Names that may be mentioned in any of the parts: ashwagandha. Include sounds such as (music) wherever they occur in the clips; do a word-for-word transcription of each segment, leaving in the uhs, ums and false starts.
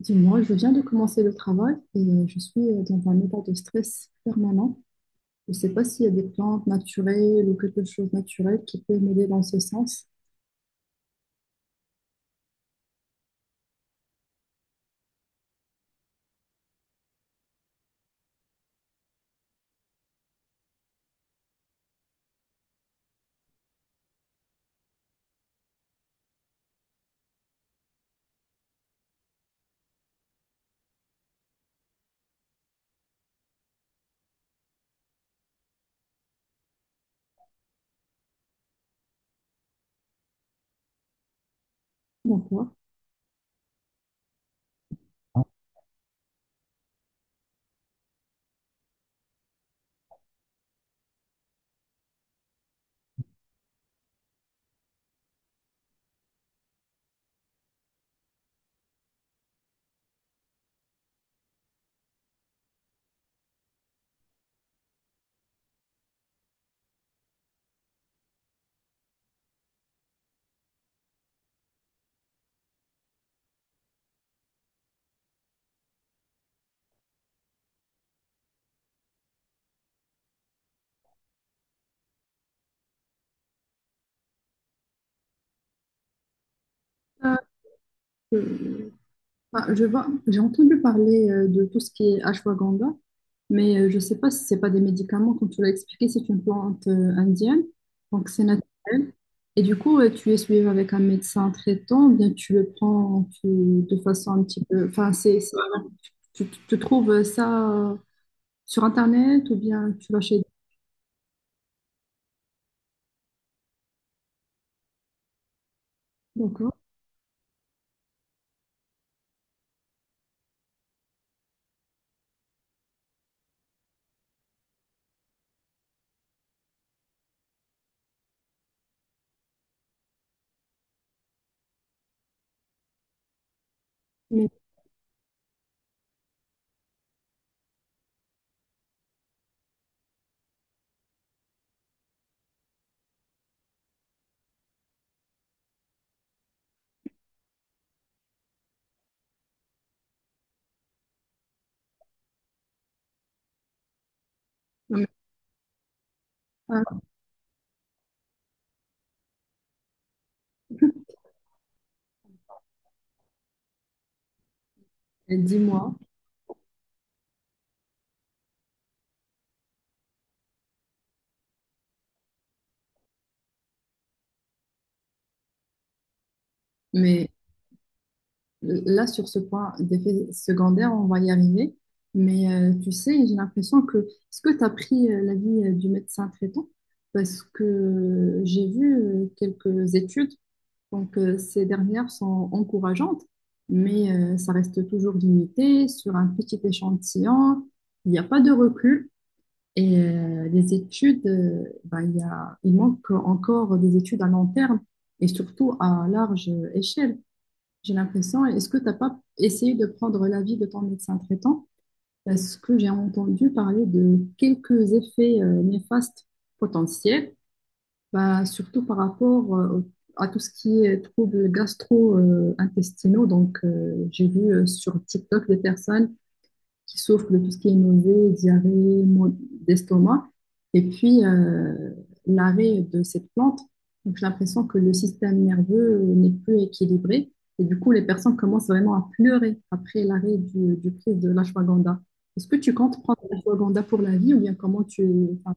Dis-moi, je viens de commencer le travail et euh, je suis euh, dans un état de stress permanent. Je ne sais pas s'il y a des plantes naturelles ou quelque chose de naturel qui peut m'aider dans ce sens. Donc, quoi. Ah, euh, ah, je vois, j'ai entendu parler euh, de tout ce qui est ashwagandha, mais euh, je ne sais pas si ce n'est pas des médicaments, comme tu l'as expliqué, c'est une plante euh, indienne, donc c'est naturel. Et du coup, euh, tu es suivi avec un médecin traitant, ou bien tu le prends tu- de façon un petit peu. Enfin, c'est, c'est- tu, tu trouves ça. Sur Internet ou bien tu vas chez... D'accord. Mais mais, ah, dis-moi, mais là, sur ce point d'effet secondaire, on va y arriver. Mais euh, tu sais, j'ai l'impression que... Est-ce que tu as pris euh, l'avis euh, du médecin traitant? Parce que j'ai vu euh, quelques études, donc euh, ces dernières sont encourageantes, mais euh, ça reste toujours limité sur un petit échantillon. Il n'y a pas de recul. Et euh, les études, euh, ben, il y a, il manque encore des études à long terme et surtout à large échelle. J'ai l'impression, est-ce que tu n'as pas essayé de prendre l'avis de ton médecin traitant? Parce que j'ai entendu parler de quelques effets euh, néfastes potentiels, bah, surtout par rapport euh, au- à tout ce qui est troubles gastro-intestinaux. Donc, euh, j'ai vu euh, sur TikTok des personnes qui souffrent de tout ce qui est nausée, diarrhée, maux d'estomac. Et puis, euh, l'arrêt de cette plante, donc j'ai l'impression que le système nerveux n'est plus équilibré. Et du coup, les personnes commencent vraiment à pleurer après l'arrêt du, du prise de l'ashwagandha. Est-ce que tu comptes prendre l'ashwagandha pour la vie ou bien comment tu... enfin,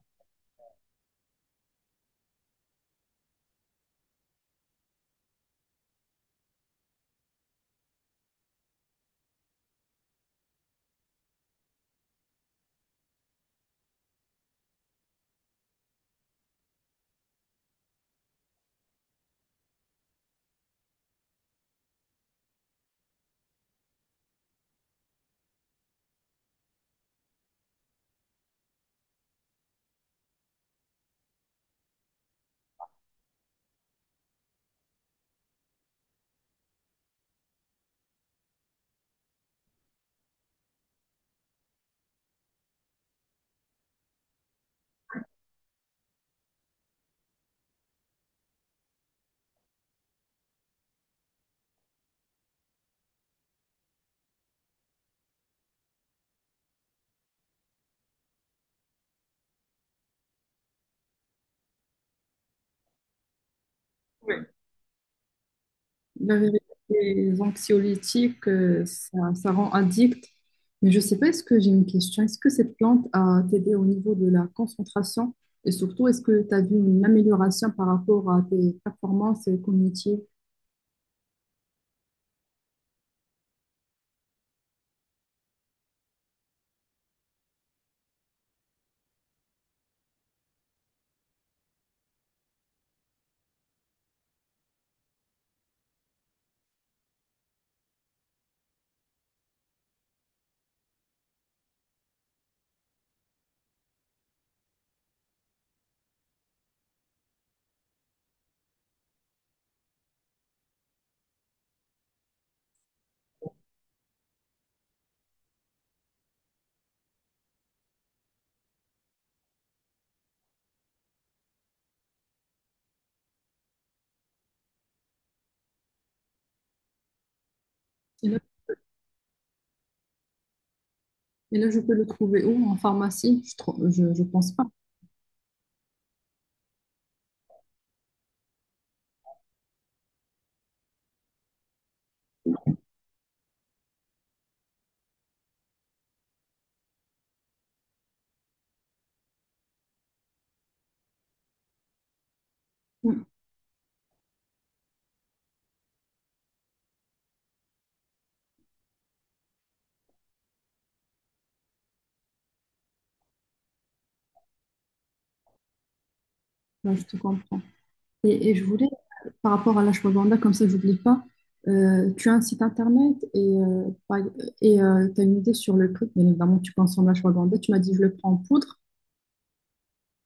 oui. La vérité, les anxiolytiques, euh, ça, ça rend addict. Mais je sais pas, est-ce que j'ai une question? Est-ce que cette plante a t'aidé au niveau de la concentration? Et surtout, est-ce que tu as vu une amélioration par rapport à tes performances cognitives? Et là, et là, je peux le trouver où? En pharmacie? Je, trou- je, je pense pas. Oui, là, je te comprends. Et, et je voulais, par rapport à l'ashwagandha, comme ça, j'oublie pas, euh, tu as un site internet et euh, par- et tu as une idée sur le prix. Bien évidemment, tu consommes l'ashwagandha. Tu m'as dit, je le prends en poudre.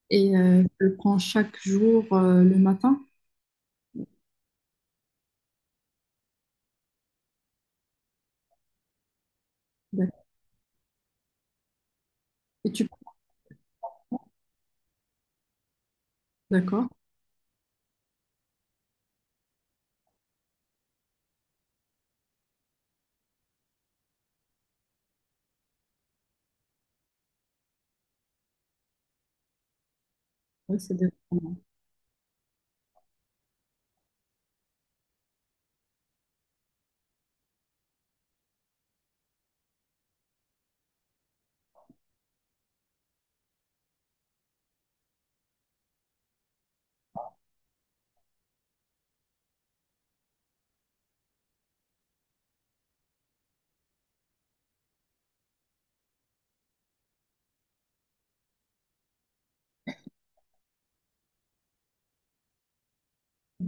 Et euh, je le prends chaque jour euh, le matin. D'accord. Et tu... D'accord. Oui, c'est des vitamines.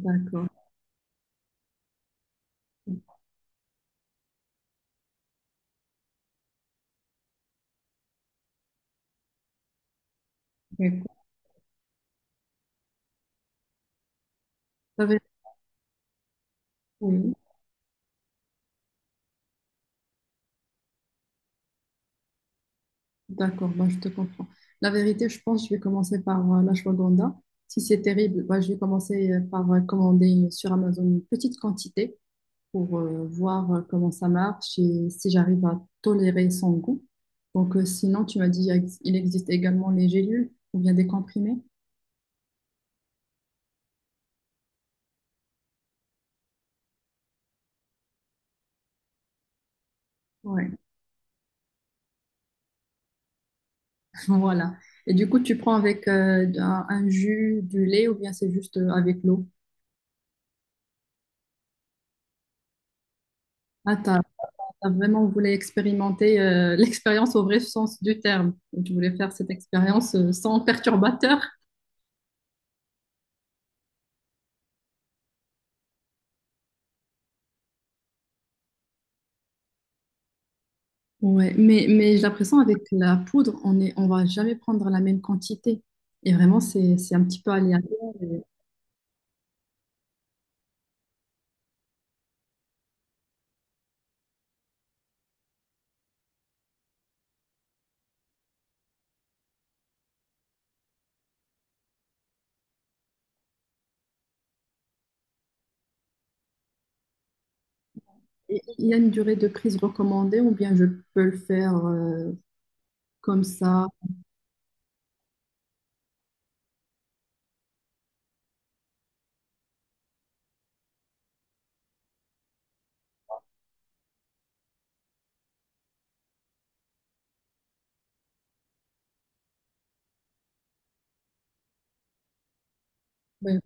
D'accord. D'accord. La vérité, oui. D'accord, bah, je te comprends. La vérité, je pense que je vais commencer par euh, l'ashwagandha. Si c'est terrible, bah, je vais commencer euh, par euh, commander sur Amazon une petite quantité pour euh, voir euh, comment ça marche et si j'arrive à tolérer son goût. Donc, euh, sinon, tu m'as dit il existe également les gélules ou bien des comprimés. Ouais. Voilà. Et du coup, tu prends avec euh, un, un jus, du lait ou bien c'est juste euh, avec l'eau? Ah, t'as, t'as vraiment voulu expérimenter euh, (laughs) l'expérience au vrai sens du terme. Tu voulais faire cette expérience euh, sans perturbateur. Ouais, mais, mais j'ai l'impression avec la poudre, on est, on va jamais prendre la même quantité. Et vraiment, c'est, c'est un petit peu aléatoire. Et- et il y a une durée de prise recommandée ou bien je peux le faire euh, comme ça. Ouais,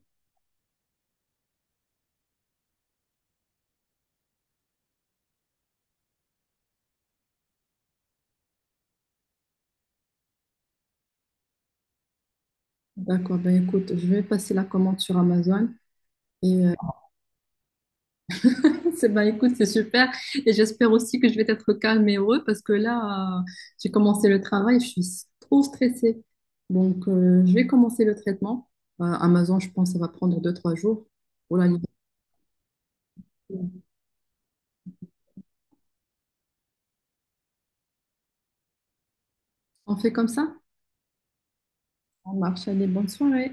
d'accord, ben écoute, je vais passer la commande sur Amazon. Et euh, c'est- bah, écoute, c'est super. Et j'espère aussi que je vais être calme et heureux parce que là, euh, j'ai commencé le travail, je suis s- trop stressée. Donc, euh, je vais commencer le traitement. Euh, Amazon, je pense, ça va prendre deux, trois jours pour la libérer. On fait comme ça? On marche. Allez, bonne soirée.